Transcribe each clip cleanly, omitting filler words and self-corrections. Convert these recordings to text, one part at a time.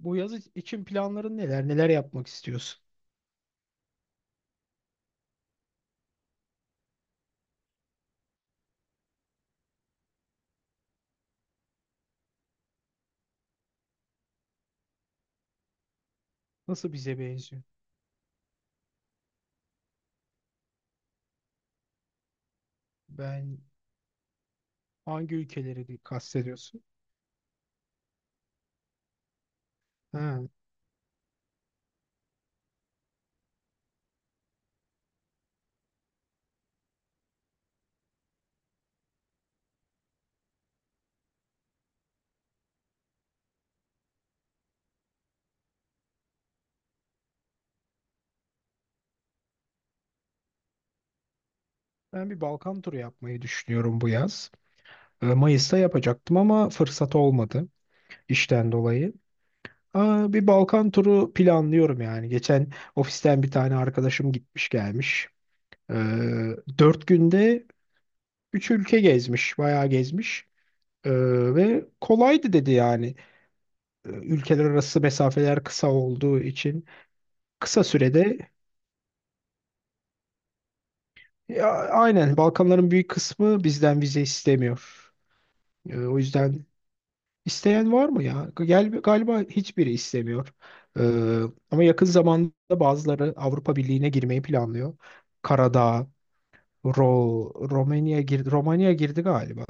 Bu yaz için planların neler? Neler yapmak istiyorsun? Nasıl bize benziyor? Ben hangi ülkeleri kastediyorsun? Ha, ben bir Balkan turu yapmayı düşünüyorum bu yaz. Mayıs'ta yapacaktım ama fırsat olmadı işten dolayı. Bir Balkan turu planlıyorum yani. Geçen ofisten bir tane arkadaşım gitmiş gelmiş. Ee, dört günde üç ülke gezmiş, bayağı gezmiş. Ee, ve kolaydı dedi yani. Ülkeler arası mesafeler kısa olduğu için. Kısa sürede ya, aynen Balkanların büyük kısmı bizden vize istemiyor. O yüzden isteyen var mı ya? Gel, galiba hiçbiri istemiyor. Ee, ama yakın zamanda bazıları Avrupa Birliği'ne girmeyi planlıyor. Karadağ, Ro Romanya girdi, Romanya girdi galiba.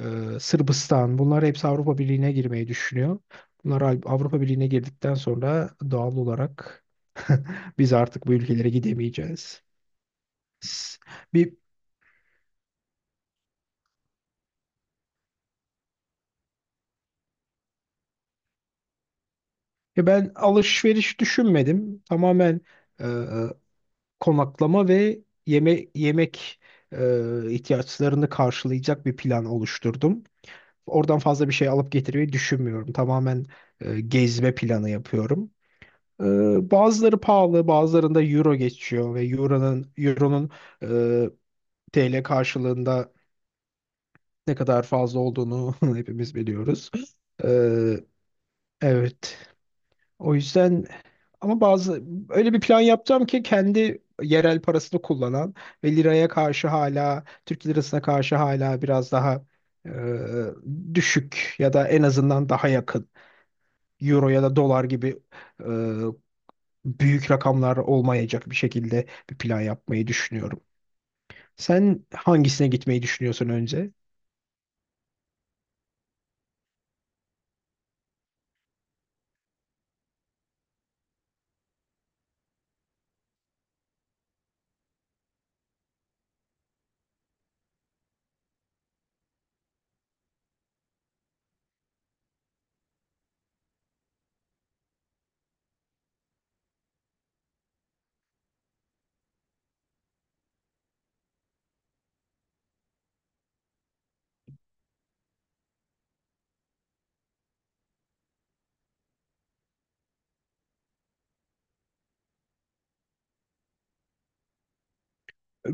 Sırbistan bunlar hepsi Avrupa Birliği'ne girmeyi düşünüyor. Bunlar Avrupa Birliği'ne girdikten sonra doğal olarak biz artık bu ülkelere gidemeyeceğiz. S- Bir Ya ben alışveriş düşünmedim. Tamamen e, konaklama ve yeme yemek ihtiyaçlarını karşılayacak bir plan oluşturdum. Oradan fazla bir şey alıp getirmeyi düşünmüyorum. Tamamen gezme planı yapıyorum. E, bazıları pahalı, bazılarında euro geçiyor ve euronun e, TL karşılığında ne kadar fazla olduğunu hepimiz biliyoruz. E, evet. O yüzden ama bazı öyle bir plan yapacağım ki kendi yerel parasını kullanan ve liraya karşı hala Türk lirasına karşı hala biraz daha e, düşük ya da en azından daha yakın euro ya da dolar gibi e, büyük rakamlar olmayacak bir şekilde bir plan yapmayı düşünüyorum. Sen hangisine gitmeyi düşünüyorsun önce?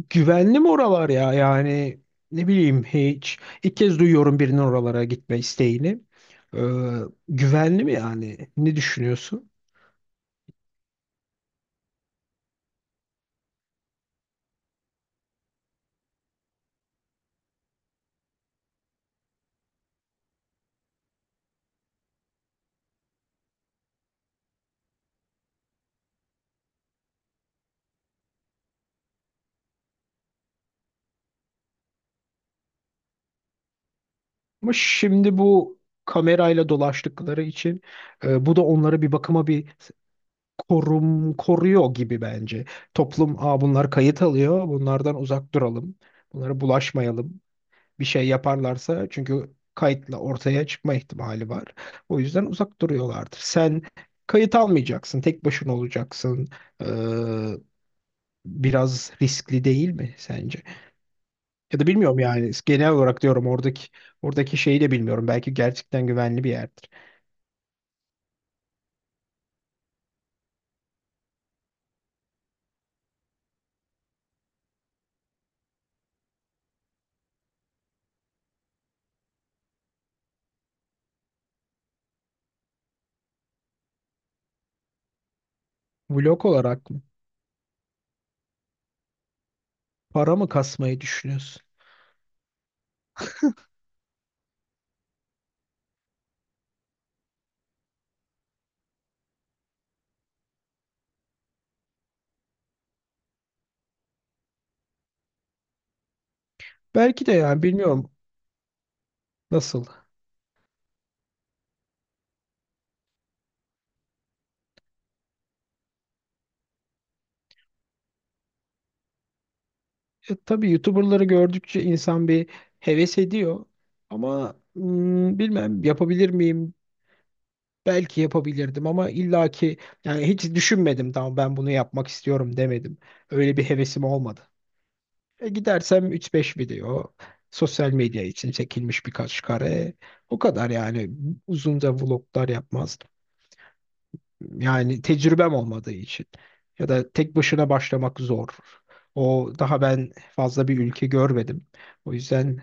Güvenli mi oralar ya? Yani ne bileyim hiç. İlk kez duyuyorum birinin oralara gitme isteğini. Ee, güvenli mi yani? Ne düşünüyorsun? Ama şimdi bu kamerayla dolaştıkları için bu da onları bir bakıma bir koruyor gibi bence. Toplum, bunlar kayıt alıyor. Bunlardan uzak duralım. Bunlara bulaşmayalım. Bir şey yaparlarsa çünkü kayıtla ortaya çıkma ihtimali var. O yüzden uzak duruyorlardır. Sen kayıt almayacaksın. Tek başına olacaksın. Ee, biraz riskli değil mi sence? Ya da bilmiyorum yani genel olarak diyorum oradaki şeyi de bilmiyorum. Belki gerçekten güvenli bir yerdir. Vlog olarak mı? Para mı kasmayı düşünüyorsun? Belki de yani bilmiyorum nasıl. Tabii YouTuber'ları gördükçe insan bir heves ediyor. Ama bilmem yapabilir miyim? Belki yapabilirdim ama illaki yani hiç düşünmedim, tamam ben bunu yapmak istiyorum demedim. Öyle bir hevesim olmadı. Gidersem üç beş video, sosyal medya için çekilmiş birkaç kare. O kadar yani uzunca vloglar yapmazdım. Yani tecrübem olmadığı için. Ya da tek başına başlamak zor. O daha ben fazla bir ülke görmedim. O yüzden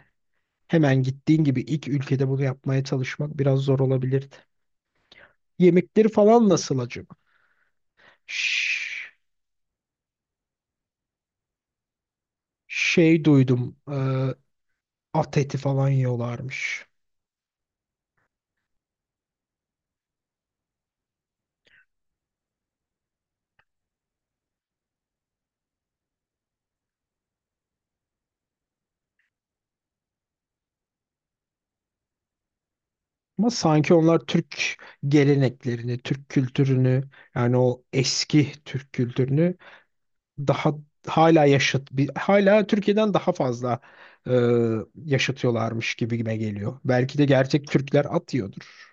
hemen gittiğin gibi ilk ülkede bunu yapmaya çalışmak biraz zor olabilirdi. Yemekleri falan nasıl acaba? Ş- şey duydum. At eti falan yiyorlarmış. Ama sanki onlar Türk geleneklerini, Türk kültürünü, yani o eski Türk kültürünü daha hala hala Türkiye'den daha fazla e, yaşatıyorlarmış gibime geliyor. Belki de gerçek Türkler atıyordur.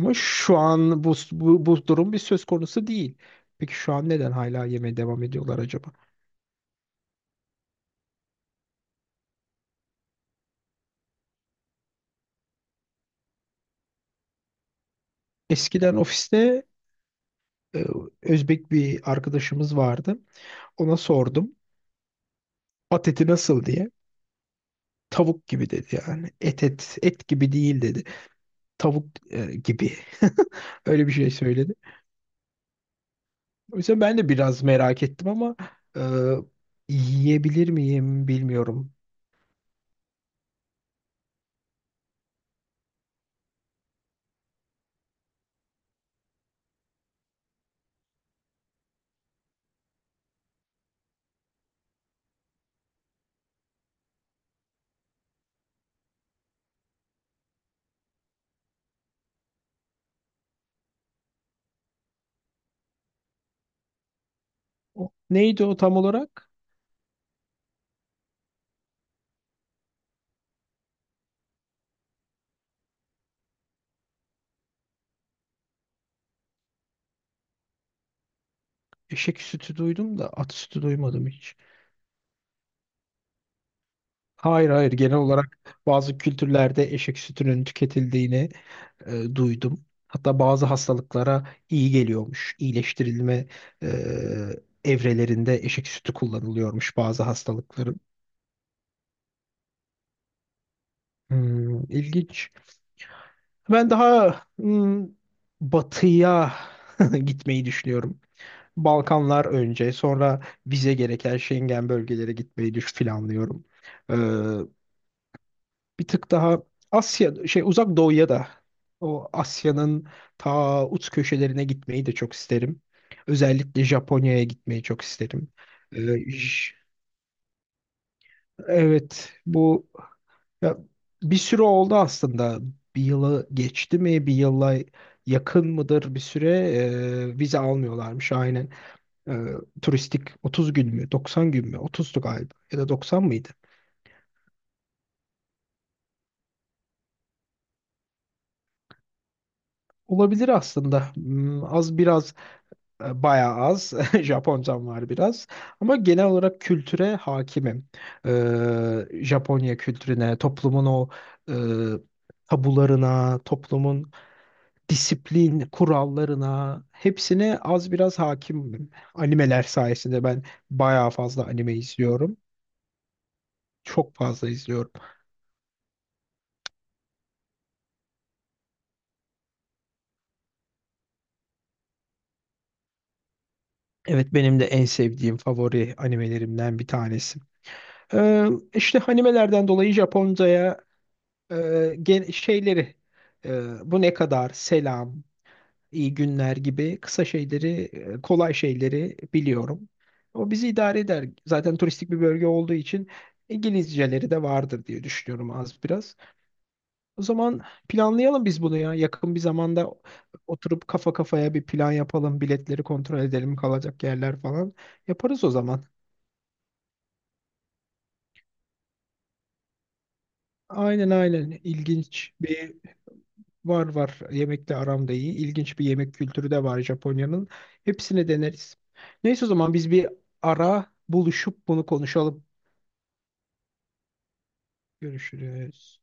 Ama şu an bu durum bir söz konusu değil. Peki şu an neden hala yemeye devam ediyorlar acaba? Eskiden ofiste e, Özbek bir arkadaşımız vardı. Ona sordum. At eti nasıl diye. Tavuk gibi dedi yani. Et gibi değil dedi. Tavuk gibi. Öyle bir şey söyledi. O yüzden ben de biraz merak ettim ama e, yiyebilir miyim bilmiyorum. O, neydi o tam olarak? Eşek sütü duydum da at sütü duymadım hiç. Hayır, hayır, genel olarak bazı kültürlerde eşek sütünün tüketildiğini duydum. Hatta bazı hastalıklara iyi geliyormuş. İyileştirilme e, evrelerinde eşek sütü kullanılıyormuş bazı hastalıkların. İlginç. Ben daha batıya gitmeyi düşünüyorum. Balkanlar önce, sonra vize gereken Schengen bölgelere gitmeyi düş planlıyorum. Bir tık daha Asya şey Uzak Doğu'ya da o Asya'nın ta uç köşelerine gitmeyi de çok isterim. Özellikle Japonya'ya gitmeyi çok isterim. Ee, j- evet bu ya, bir süre oldu aslında. Bir yılı geçti mi? Bir yıla yakın mıdır bir süre, vize almıyorlarmış aynen. E, turistik 30 gün mü? 90 gün mü? 30'du galiba ya da 90 mıydı? Olabilir aslında. Az biraz. Bayağı az. Japoncam var biraz. Ama genel olarak kültüre hakimim. Japonya kültürüne, toplumun o e, tabularına, toplumun disiplin kurallarına hepsine az biraz hakimim. Animeler sayesinde ben bayağı fazla anime izliyorum. Çok fazla izliyorum. Evet, benim de en sevdiğim favori animelerimden bir tanesi. Ee, işte animelerden dolayı Japonca'ya şeyleri, bu ne kadar selam, iyi günler gibi kısa şeyleri, kolay şeyleri biliyorum. O bizi idare eder. Zaten turistik bir bölge olduğu için İngilizceleri de vardır diye düşünüyorum az biraz. O zaman planlayalım biz bunu ya. Yakın bir zamanda oturup kafa kafaya bir plan yapalım. Biletleri kontrol edelim, kalacak yerler falan. Yaparız o zaman. Aynen, aynen. İlginç bir, var var. Yemekle aram da iyi. İlginç bir yemek kültürü de var Japonya'nın. Hepsini deneriz. Neyse o zaman biz bir ara buluşup bunu konuşalım. Görüşürüz.